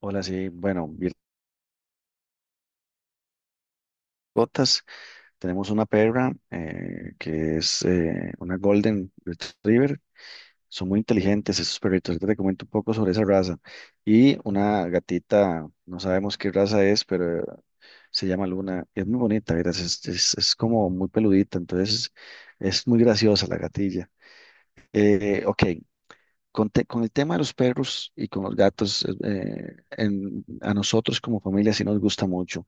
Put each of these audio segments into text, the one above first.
Hola, sí, bueno, botas. Tenemos una perra que es una Golden Retriever. Son muy inteligentes esos perritos. Ahorita te comento un poco sobre esa raza. Y una gatita, no sabemos qué raza es, pero se llama Luna. Y es muy bonita, verás. Es como muy peludita, entonces es muy graciosa la gatilla. Ok, con el tema de los perros y con los gatos, a nosotros como familia sí nos gusta mucho.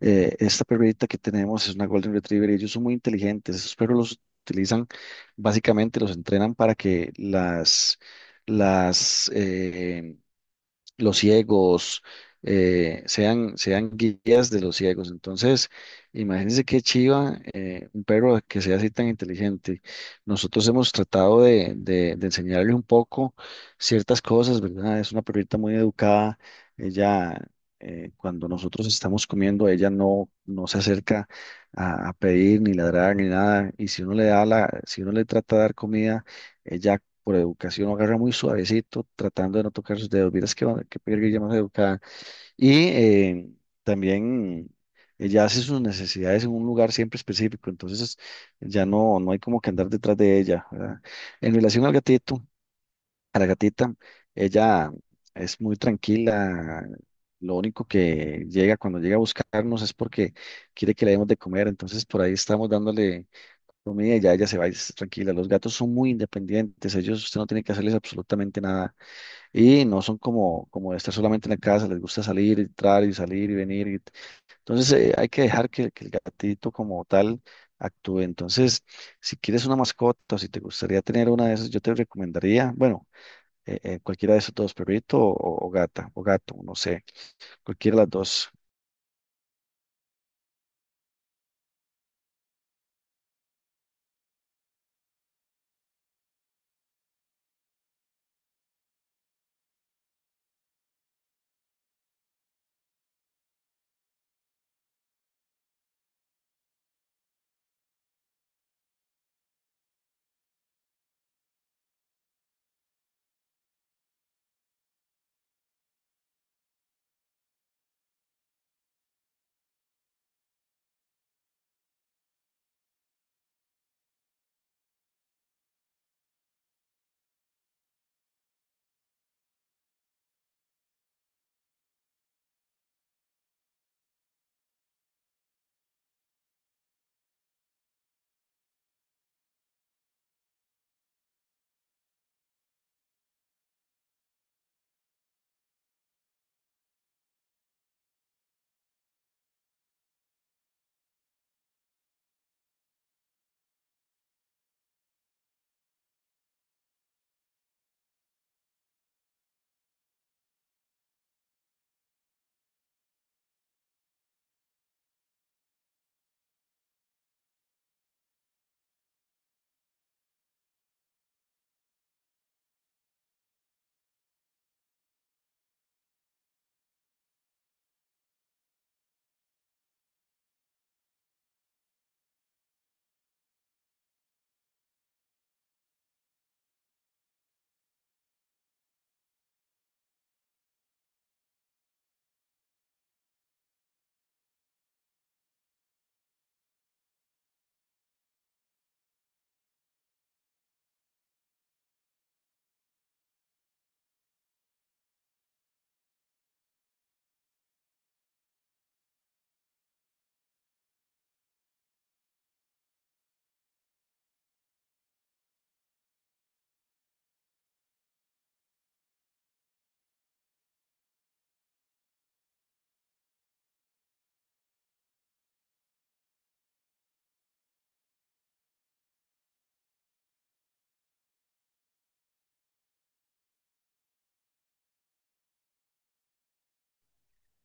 Esta perrita que tenemos es una Golden Retriever y ellos son muy inteligentes. Esos perros los utilizan, básicamente los entrenan para que las, eh, los ciegos, sean guías de los ciegos. Entonces, imagínense qué chiva un perro que sea así tan inteligente. Nosotros hemos tratado de enseñarle un poco ciertas cosas, ¿verdad? Es una perrita muy educada. Ella, cuando nosotros estamos comiendo, ella no, no se acerca a pedir ni ladrar ni nada. Y si uno le da la, si uno le trata de dar comida, ella por educación, lo agarra muy suavecito, tratando de no tocar sus dedos. Miras que perguilla más educada. Y también ella hace sus necesidades en un lugar siempre específico, entonces ya no hay como que andar detrás de ella, ¿verdad? En relación al gatito, a la gatita, ella es muy tranquila. Lo único que llega cuando llega a buscarnos es porque quiere que le demos de comer, entonces por ahí estamos dándole comida y ya ella se va y es tranquila. Los gatos son muy independientes, ellos usted no tiene que hacerles absolutamente nada y no son como de estar solamente en la casa, les gusta salir, entrar y salir y venir. Entonces, hay que dejar que el gatito como tal actúe. Entonces, si quieres una mascota o si te gustaría tener una de esas, yo te recomendaría, bueno, cualquiera de esos dos, perrito o gata o gato, no sé, cualquiera de las dos.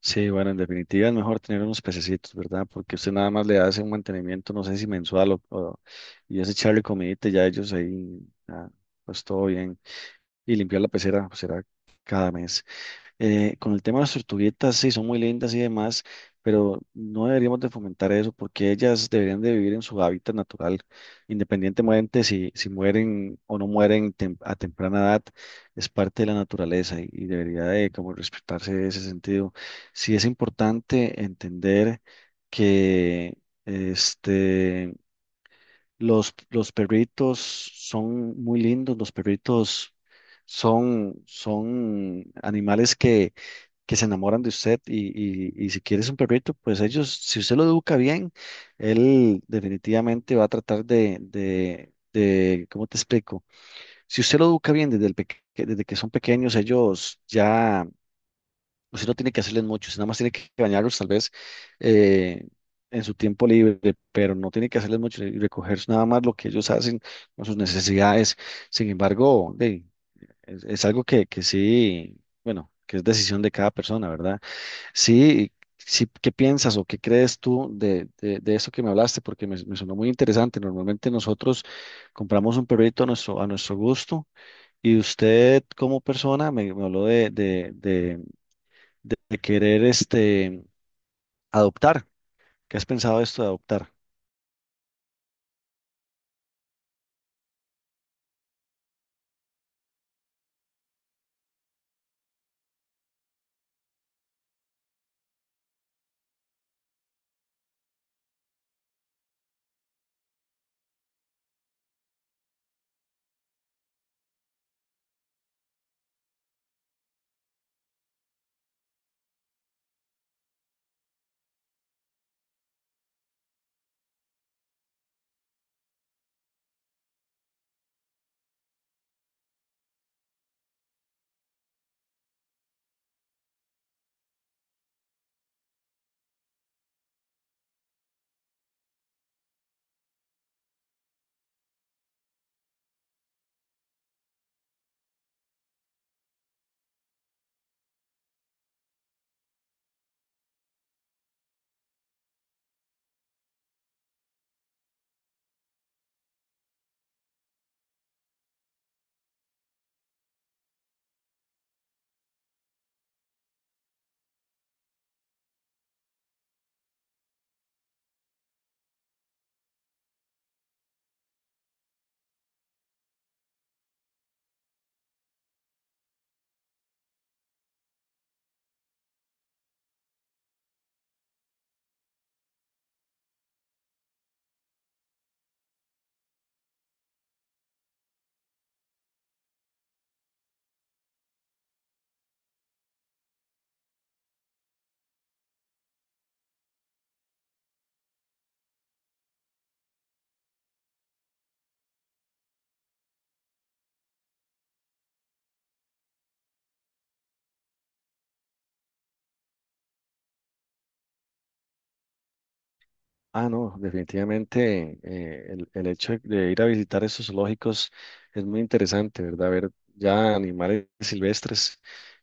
Sí, bueno, en definitiva es mejor tener unos pececitos, ¿verdad? Porque usted nada más le hace un mantenimiento, no sé si mensual o- y es echarle comidita y ya ellos ahí, ah, pues todo bien. Y limpiar la pecera, pues será cada mes. Con el tema de las tortuguitas, sí, son muy lindas y demás, pero no deberíamos de fomentar eso porque ellas deberían de vivir en su hábitat natural, independientemente si mueren o no mueren a temprana edad, es parte de la naturaleza y debería de como respetarse ese sentido. Sí es importante entender que este, los perritos son muy lindos, los perritos son animales que se enamoran de usted y si quieres un perrito, pues ellos, si usted lo educa bien, él definitivamente va a tratar ¿cómo te explico? Si usted lo educa bien desde, desde que son pequeños, ellos ya, usted no tiene que hacerles mucho, usted nada más tiene que bañarlos tal vez eh, en su tiempo libre, pero no tiene que hacerles mucho y recoger nada más lo que ellos hacen con sus necesidades. Sin embargo, es algo que sí, bueno, que es decisión de cada persona, ¿verdad? Sí, sí, ¿qué piensas o qué crees tú de eso que me hablaste? Porque me sonó muy interesante. Normalmente nosotros compramos un perrito a nuestro gusto y usted como persona me habló de querer este, adoptar. ¿Qué has pensado de esto de adoptar? Ah, no, definitivamente el hecho de ir a visitar esos zoológicos es muy interesante, ¿verdad? Ver ya animales silvestres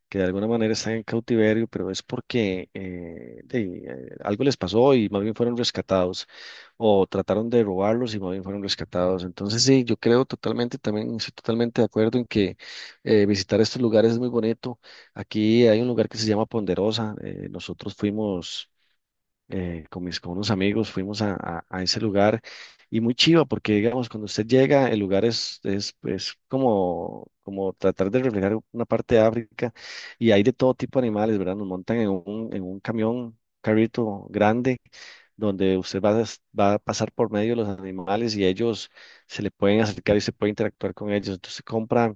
que de alguna manera están en cautiverio, pero es porque algo les pasó y más bien fueron rescatados, o trataron de robarlos y más bien fueron rescatados. Entonces, sí, yo creo totalmente, también estoy totalmente de acuerdo en que visitar estos lugares es muy bonito. Aquí hay un lugar que se llama Ponderosa, nosotros fuimos con unos amigos, fuimos a ese lugar y muy chiva porque, digamos, cuando usted llega, el lugar es como, como tratar de reflejar una parte de África y hay de todo tipo de animales, ¿verdad? Nos montan en en un camión, carrito grande, donde usted va va a pasar por medio de los animales y ellos se le pueden acercar y se puede interactuar con ellos. Entonces compra,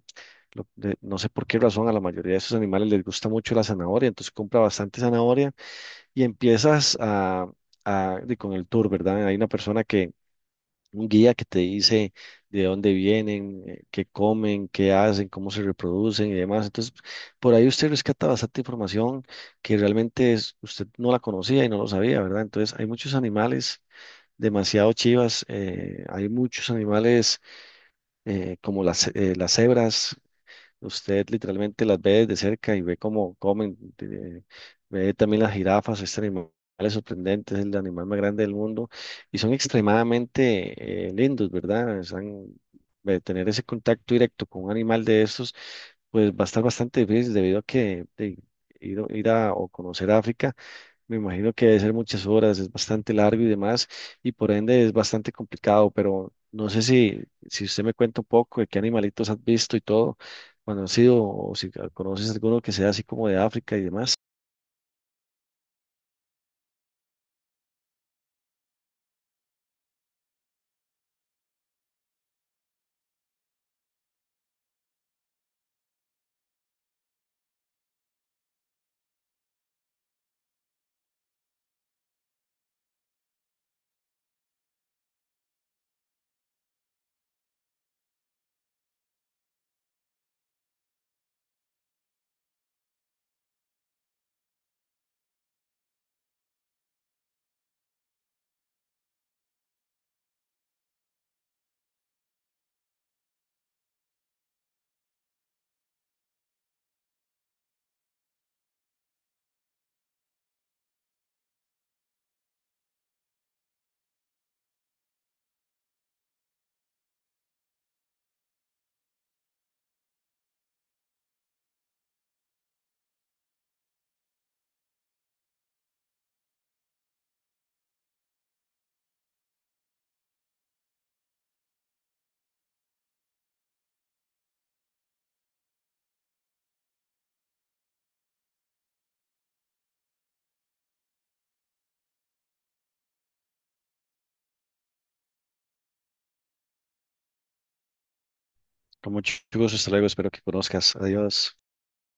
lo- de- no sé por qué razón, a la mayoría de esos animales les gusta mucho la zanahoria, entonces compra bastante zanahoria y empiezas con el tour, ¿verdad? Hay un guía que te dice de dónde vienen, qué comen, qué hacen, cómo se reproducen y demás. Entonces, por ahí usted rescata bastante información que realmente usted no la conocía y no lo sabía, ¿verdad? Entonces, hay muchos animales demasiado chivas, hay muchos animales como las cebras. Usted literalmente las ve de cerca y ve cómo comen, ve también las jirafas. Este animal es sorprendente, es el animal más grande del mundo y son extremadamente lindos, ¿verdad? Tener ese contacto directo con un animal de estos, pues va a estar bastante difícil debido a que ir a o conocer África me imagino que debe ser muchas horas, es bastante largo y demás, y por ende es bastante complicado, pero no sé si, si usted me cuenta un poco de qué animalitos has visto y todo, cuando has sido, o si conoces alguno que sea así como de África y demás. Con mucho gusto, hasta luego, espero que conozcas. Adiós.